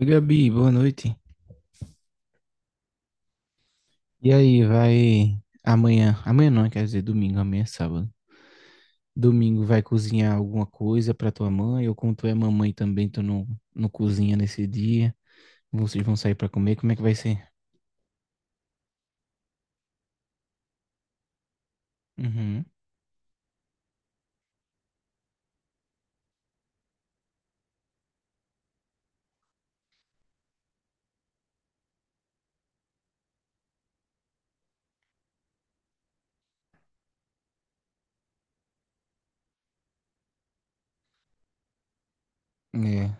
Oi, Gabi, boa noite. E aí, vai amanhã? Amanhã não, quer dizer, domingo, amanhã é sábado. Domingo vai cozinhar alguma coisa pra tua mãe, ou como tu é mamãe também, tu não, não cozinha nesse dia. Vocês vão sair pra comer, como é que vai ser? Uhum. É,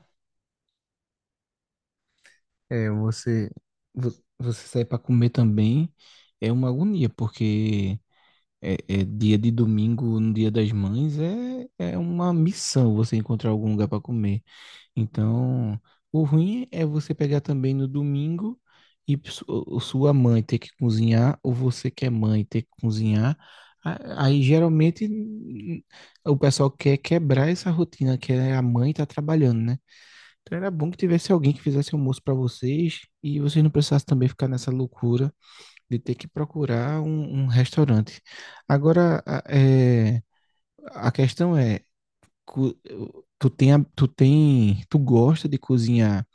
é, você vo- você sair pra comer também é uma agonia, porque é, é dia de domingo, no dia das mães, é uma missão você encontrar algum lugar pra comer. Então, o ruim é você pegar também no domingo e sua mãe ter que cozinhar, ou você que é mãe ter que cozinhar. Aí geralmente o pessoal quer quebrar essa rotina que é a mãe tá trabalhando, né? Então era bom que tivesse alguém que fizesse almoço para vocês e vocês não precisassem também ficar nessa loucura de ter que procurar um restaurante. Agora, a questão é, cu- tu tem, a- tu tem, tu gosta de cozinhar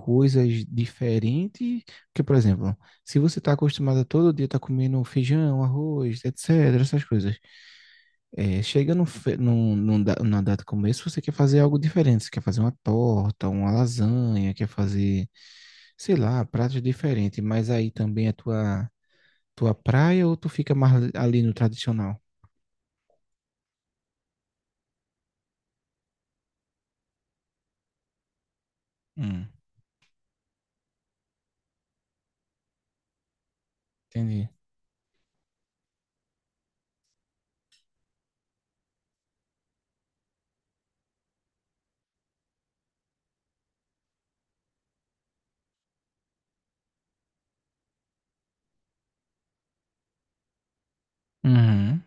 coisas diferentes? Porque, por exemplo, se você está acostumado a todo dia estar comendo feijão, arroz, etc., essas coisas, é, chega numa data como essa, você quer fazer algo diferente. Você quer fazer uma torta, uma lasanha, quer fazer, sei lá, pratos diferentes. Mas aí também é tua praia ou tu fica mais ali no tradicional? Hum, entendi. Uhum,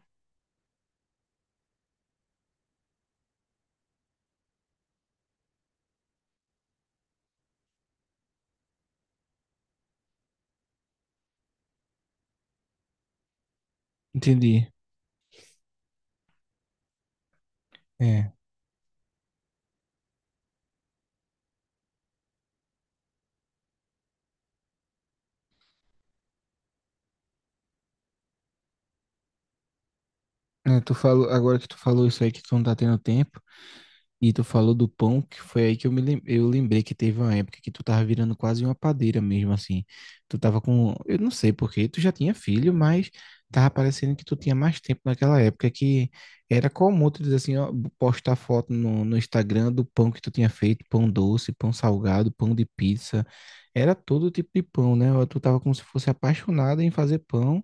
entendi. É. É, tu falou, agora que tu falou isso aí que tu não tá tendo tempo, e tu falou do pão, que foi aí que eu eu lembrei que teve uma época que tu tava virando quase uma padeira mesmo, assim. Tu tava com, eu não sei porquê, tu já tinha filho, mas tava parecendo que tu tinha mais tempo naquela época, que era comum tu dizer assim, ó, postar foto no Instagram do pão que tu tinha feito, pão doce, pão salgado, pão de pizza. Era todo tipo de pão, né? Tu tava como se fosse apaixonada em fazer pão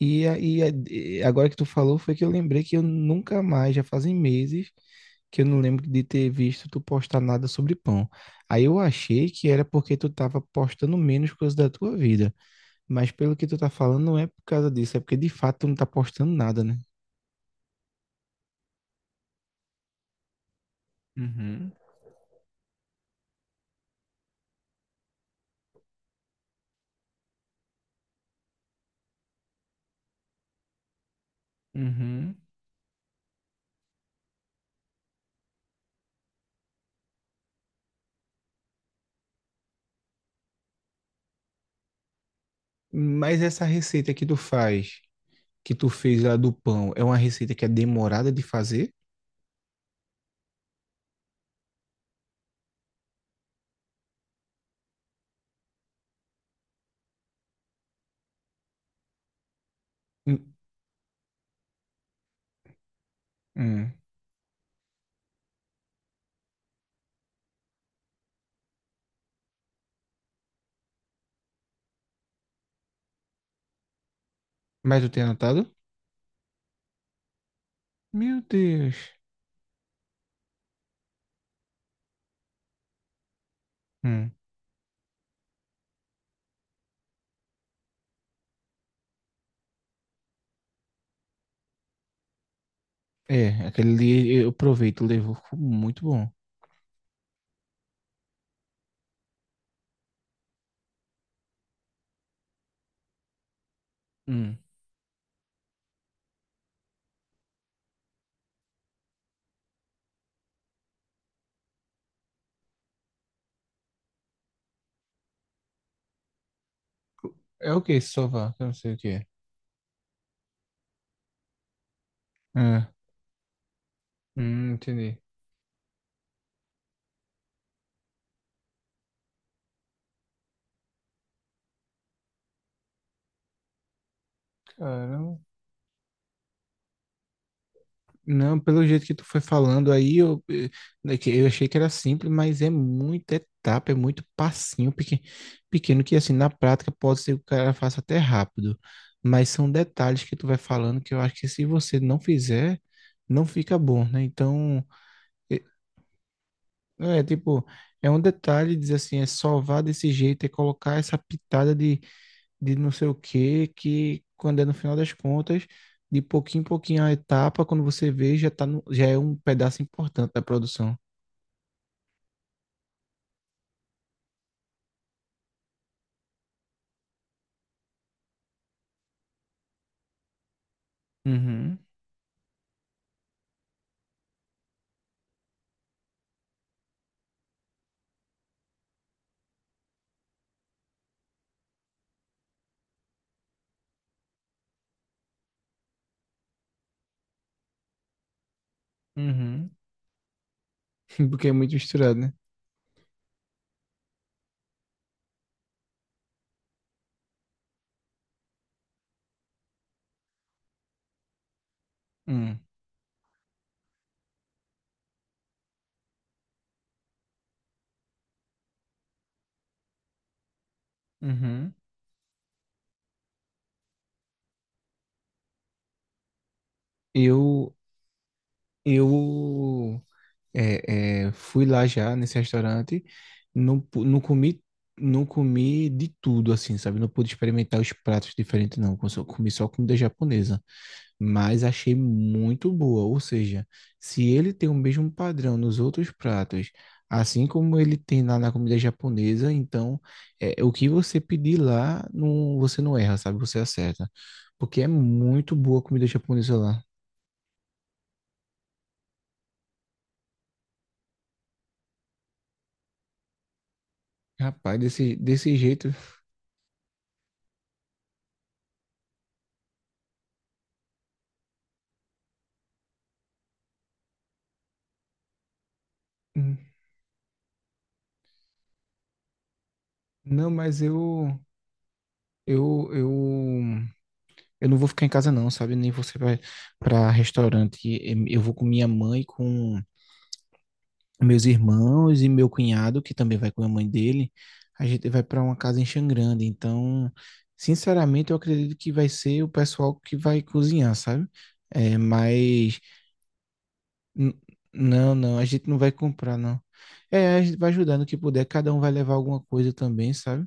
e, e agora que tu falou, foi que eu lembrei que eu nunca mais, já fazem meses, que eu não lembro de ter visto tu postar nada sobre pão. Aí eu achei que era porque tu tava postando menos coisas da tua vida. Mas pelo que tu tá falando, não é por causa disso, é porque de fato tu não tá postando nada, né? Uhum, uhum. Mas essa receita que tu faz, que tu fez lá do pão, é uma receita que é demorada de fazer? Hum, hum. Mas tu tem anotado? Meu Deus. É, aquele ali eu aproveito, levou, ficou muito bom. Hum. É o que esse sofá? Eu não sei o que é. É. Entendi. Caramba. Não, pelo jeito que tu foi falando aí, é que eu achei que era simples, mas é muita etapa, é muito passinho pequeno, pequeno que assim, na prática pode ser que o cara faça até rápido, mas são detalhes que tu vai falando que eu acho que se você não fizer, não fica bom, né? Então, é, tipo, é um detalhe dizer assim, é salvar desse jeito, é colocar essa pitada de não sei o quê, que quando é no final das contas, de pouquinho em pouquinho a etapa, quando você vê, já tá no, já é um pedaço importante da produção. Uhum, uhum, porque é muito misturado, né? Hum, uhum. Eu, eu fui lá já nesse restaurante, não, não comi, não comi de tudo assim, sabe? Não pude experimentar os pratos diferentes não, comi só comida japonesa, mas achei muito boa, ou seja, se ele tem o mesmo padrão nos outros pratos, assim como ele tem lá na comida japonesa, então é, o que você pedir lá, não, você não erra, sabe? Você acerta, porque é muito boa a comida japonesa lá. Rapaz, desse jeito, hum, não, mas eu Eu, eu, eu não vou ficar em casa não, sabe? Nem você vai para restaurante. Eu vou com minha mãe, com meus irmãos e meu cunhado, que também vai com a mãe dele. A gente vai para uma casa em Xangrande. Então, sinceramente, eu acredito que vai ser o pessoal que vai cozinhar, sabe? É, mas n- não, não, a gente não vai comprar, não. É, a gente vai ajudando o que puder. Cada um vai levar alguma coisa também, sabe?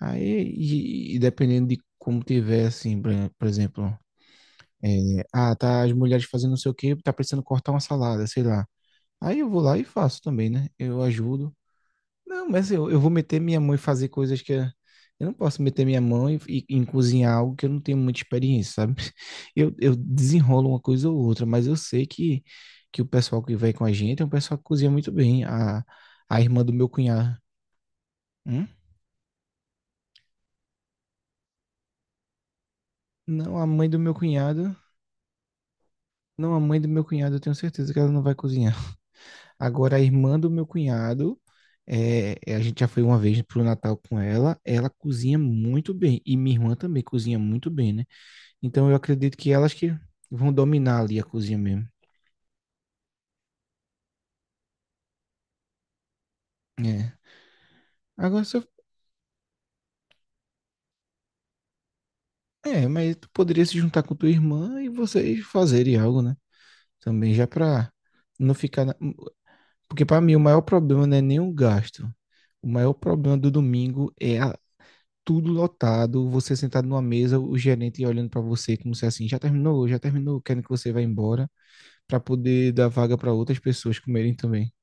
Aí, e dependendo de como tiver, assim, por exemplo. É, ah, tá as mulheres fazendo não sei o quê, tá precisando cortar uma salada, sei lá. Aí eu vou lá e faço também, né? Eu ajudo. Não, mas assim, eu vou meter minha mão e fazer coisas que eu não posso meter minha mão e, em cozinhar algo que eu não tenho muita experiência, sabe? Eu desenrolo uma coisa ou outra, mas eu sei que o pessoal que vai com a gente é um pessoal que cozinha muito bem. A irmã do meu cunhado. Hum? Não, a mãe do meu cunhado. Não, a mãe do meu cunhado, eu tenho certeza que ela não vai cozinhar. Agora, a irmã do meu cunhado, a gente já foi uma vez pro Natal com ela, ela cozinha muito bem. E minha irmã também cozinha muito bem, né? Então, eu acredito que elas que vão dominar ali a cozinha mesmo. É. Agora, se eu- é, mas tu poderia se juntar com tua irmã e vocês fazerem algo, né? Também já pra não ficar... Porque pra mim, o maior problema não é nem o gasto. O maior problema do domingo é a tudo lotado, você sentado numa mesa, o gerente olhando para você como se é assim, já terminou, querendo que você vá embora, para poder dar vaga para outras pessoas comerem também.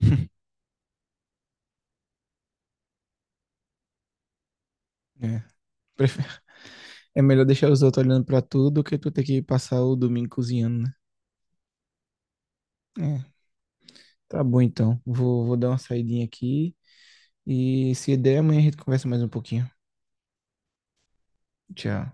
É. Prefe- É melhor deixar os outros olhando para tudo do que tu ter que passar o domingo cozinhando, né? É, tá bom então. Vou dar uma saidinha aqui e se der, amanhã a gente conversa mais um pouquinho. Tchau.